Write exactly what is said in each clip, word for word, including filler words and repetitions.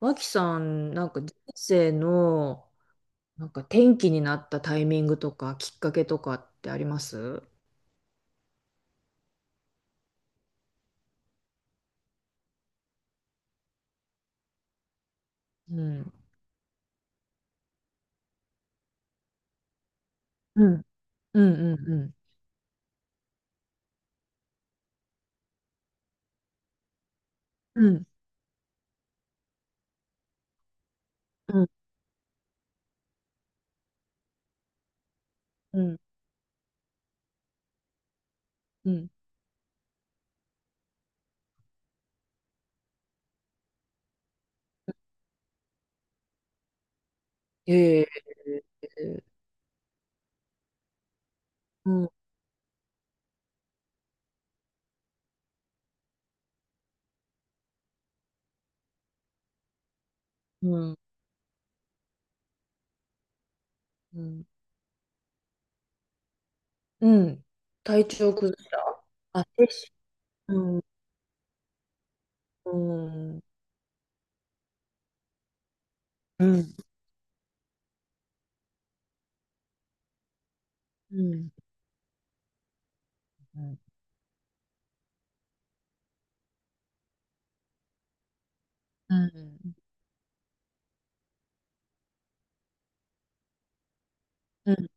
ワキさんなんか人生のなんか転機になったタイミングとかきっかけとかってあります？うん、うん、うん、うん、うん、うん、うん、うん、うん。へえ。うん、うん、うん、うん。体調崩した。あてし。うん、うん、うん、うん、うん、うん、うん、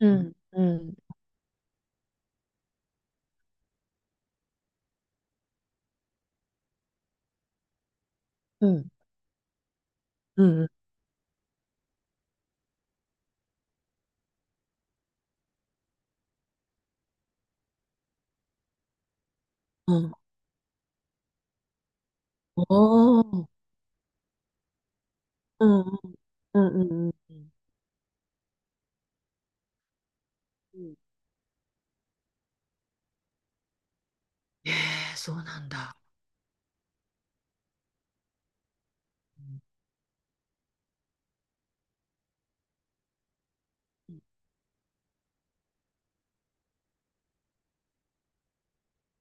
うん、うん、うん、うん、うん、うん、うん、うん、うん。ええ、そうなんだ。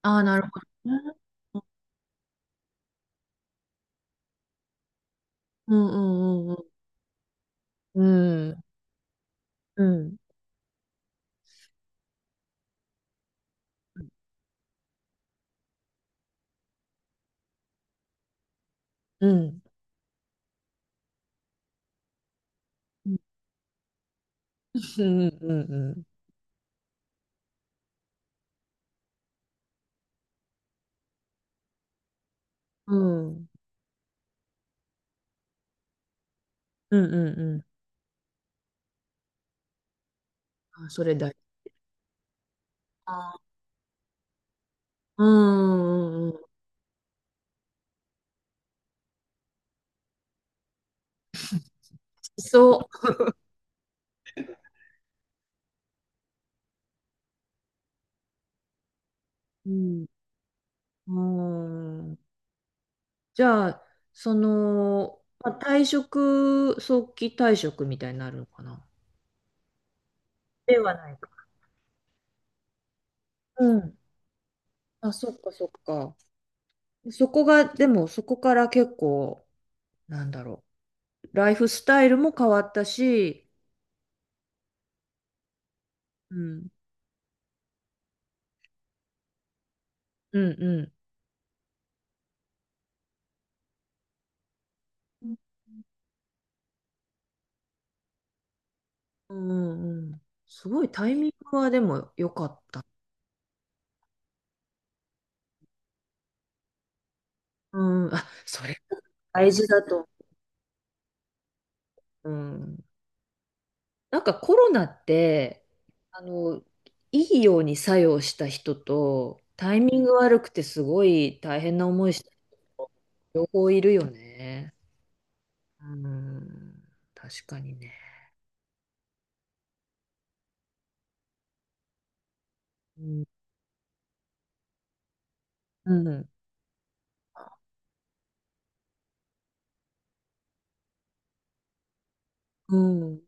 ああ、なるほどね。うん、うん、うん、うん。うん、うん。うん、うん、うん、うん、うん。うん。うん、うん。あ、それだよ。ああ。うん、うん、うん。そう。うん、うん。じゃあ、その、まあ、退職早期退職みたいになるのかな、ではないか。うん。あ、そっかそっか。そこが、でもそこから結構、なんだろう。ライフスタイルも変わったし、うん、うん、うん、うん、うん、すごいタイミングはでも良かった。うん、あ、それ大事だと。うん、なんかコロナって、あの、いいように作用した人と、タイミング悪くてすごい大変な思いした人、両方いるよね。うん、確かにね。うん。うん。うん、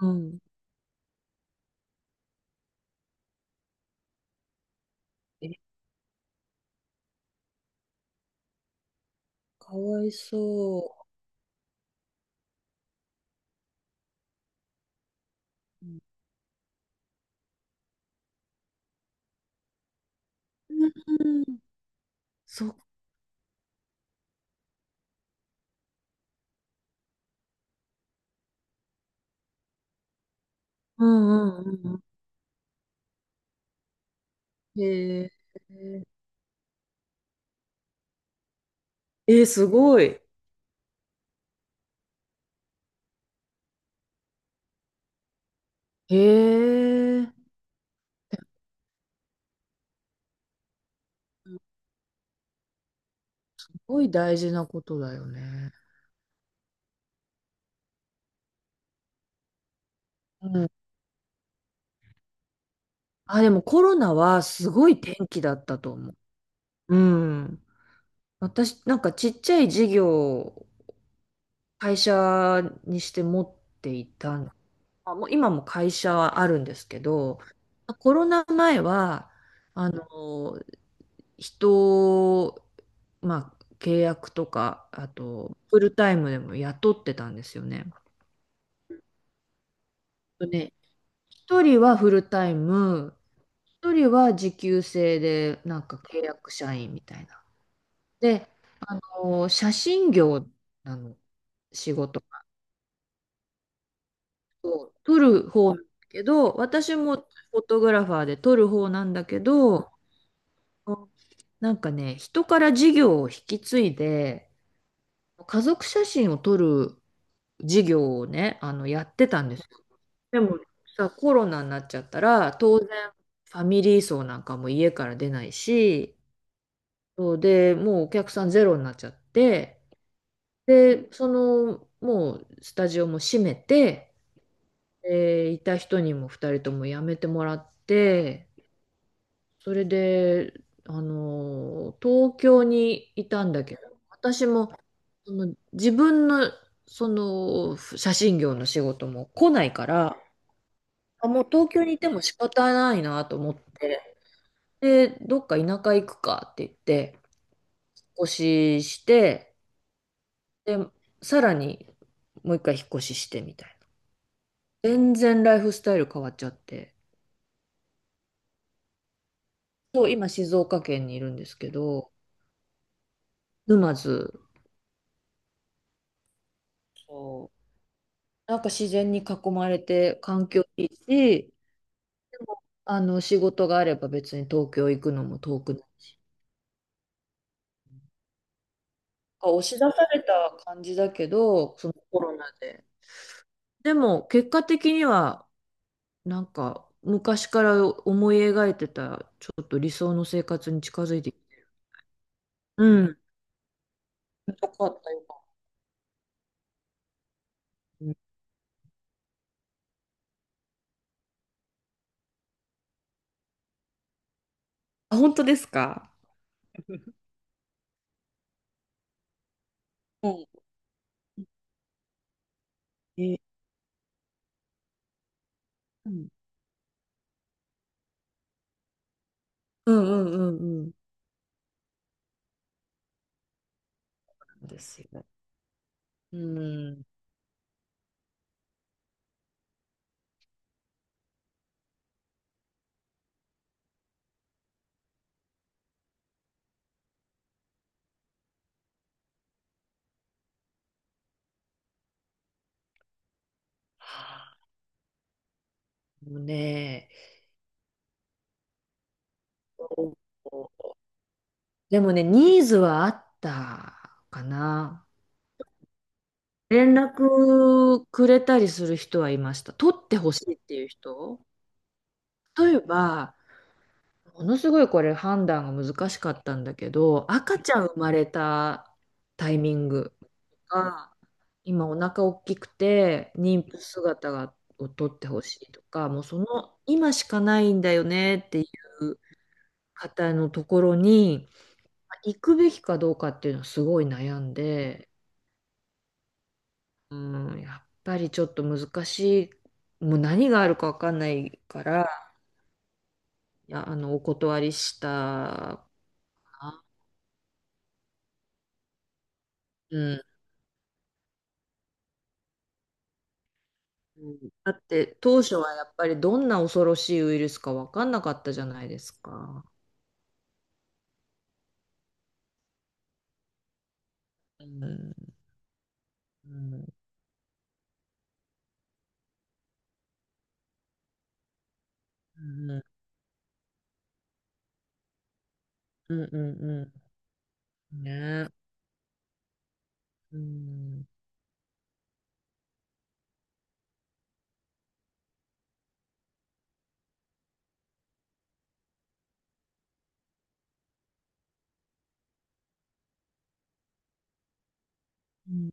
うん、え、かわいそう。うん。そっか。うん、うん、うん、うん。へえ。えー、すごい。へえ、すごい大事なことだよね。うん。あ、でもコロナはすごい天気だったと思う。うん。私、なんかちっちゃい事業を会社にして持っていたの。あ、もう今も会社はあるんですけど、コロナ前は、あの、人まあ、契約とか、あと、フルタイムでも雇ってたんですよね。ね、一人はフルタイム、一人は時給制で、なんか契約社員みたいな。で、あの写真業なの、仕事を撮る方なんだけど、私もフォトグラファーで撮る方なんだけど、なんかね、人から事業を引き継いで、家族写真を撮る事業をね、あの、やってたんですよ。でもさ、コロナになっちゃったら、当然ファミリー層なんかも家から出ないし、そうで、もうお客さんゼロになっちゃって、で、その、もうスタジオも閉めて、でいた人にもふたりとも辞めてもらって、それで、あの、東京にいたんだけど、私も、その自分の、その写真業の仕事も来ないから、あ、もう東京にいても仕方ないなと思って、で、どっか田舎行くかって言って、引っ越しして、で、さらにもう一回引っ越ししてみたいな。全然ライフスタイル変わっちゃって。そう、今静岡県にいるんですけど、沼津。そう。なんか自然に囲まれて環境いいし、あの、仕事があれば別に東京行くのも遠くないし。なんか押し出された感じだけど、そのコロナで。でも結果的にはなんか昔から思い描いてたちょっと理想の生活に近づいてきて。うん。よかったよかった。うん。あ、本当ですか？うん、え、うん、うん、うん、うん、うん。そうですよ。うん。はあ。もうね、でもね、ニーズはあったかな。連絡くれたりする人はいました。取ってほしいっていう人。例えば、ものすごいこれ判断が難しかったんだけど、赤ちゃん生まれたタイミングが、今お腹大きくて妊婦姿がを取ってほしいとか、もうその今しかないんだよねっていう方のところに行くべきかどうかっていうのはすごい悩んで、うん、やっぱりちょっと難しい、もう何があるかわかんないから、いや、あの、お断りしたかな。うん、うん、だって当初はやっぱりどんな恐ろしいウイルスか分かんなかったじゃないですか。うん、うん、うん、うん、うん、うんね。うん、うん。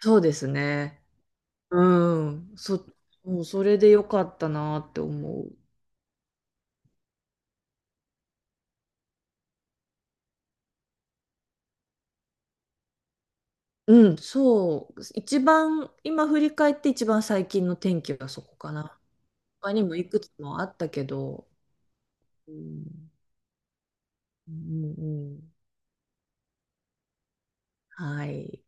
そうですね。うん。そ、もうそれでよかったなって思う。うん、そう。一番、今振り返って一番最近の天気はそこかな。他にもいくつもあったけど、うん、うん、うん。はい。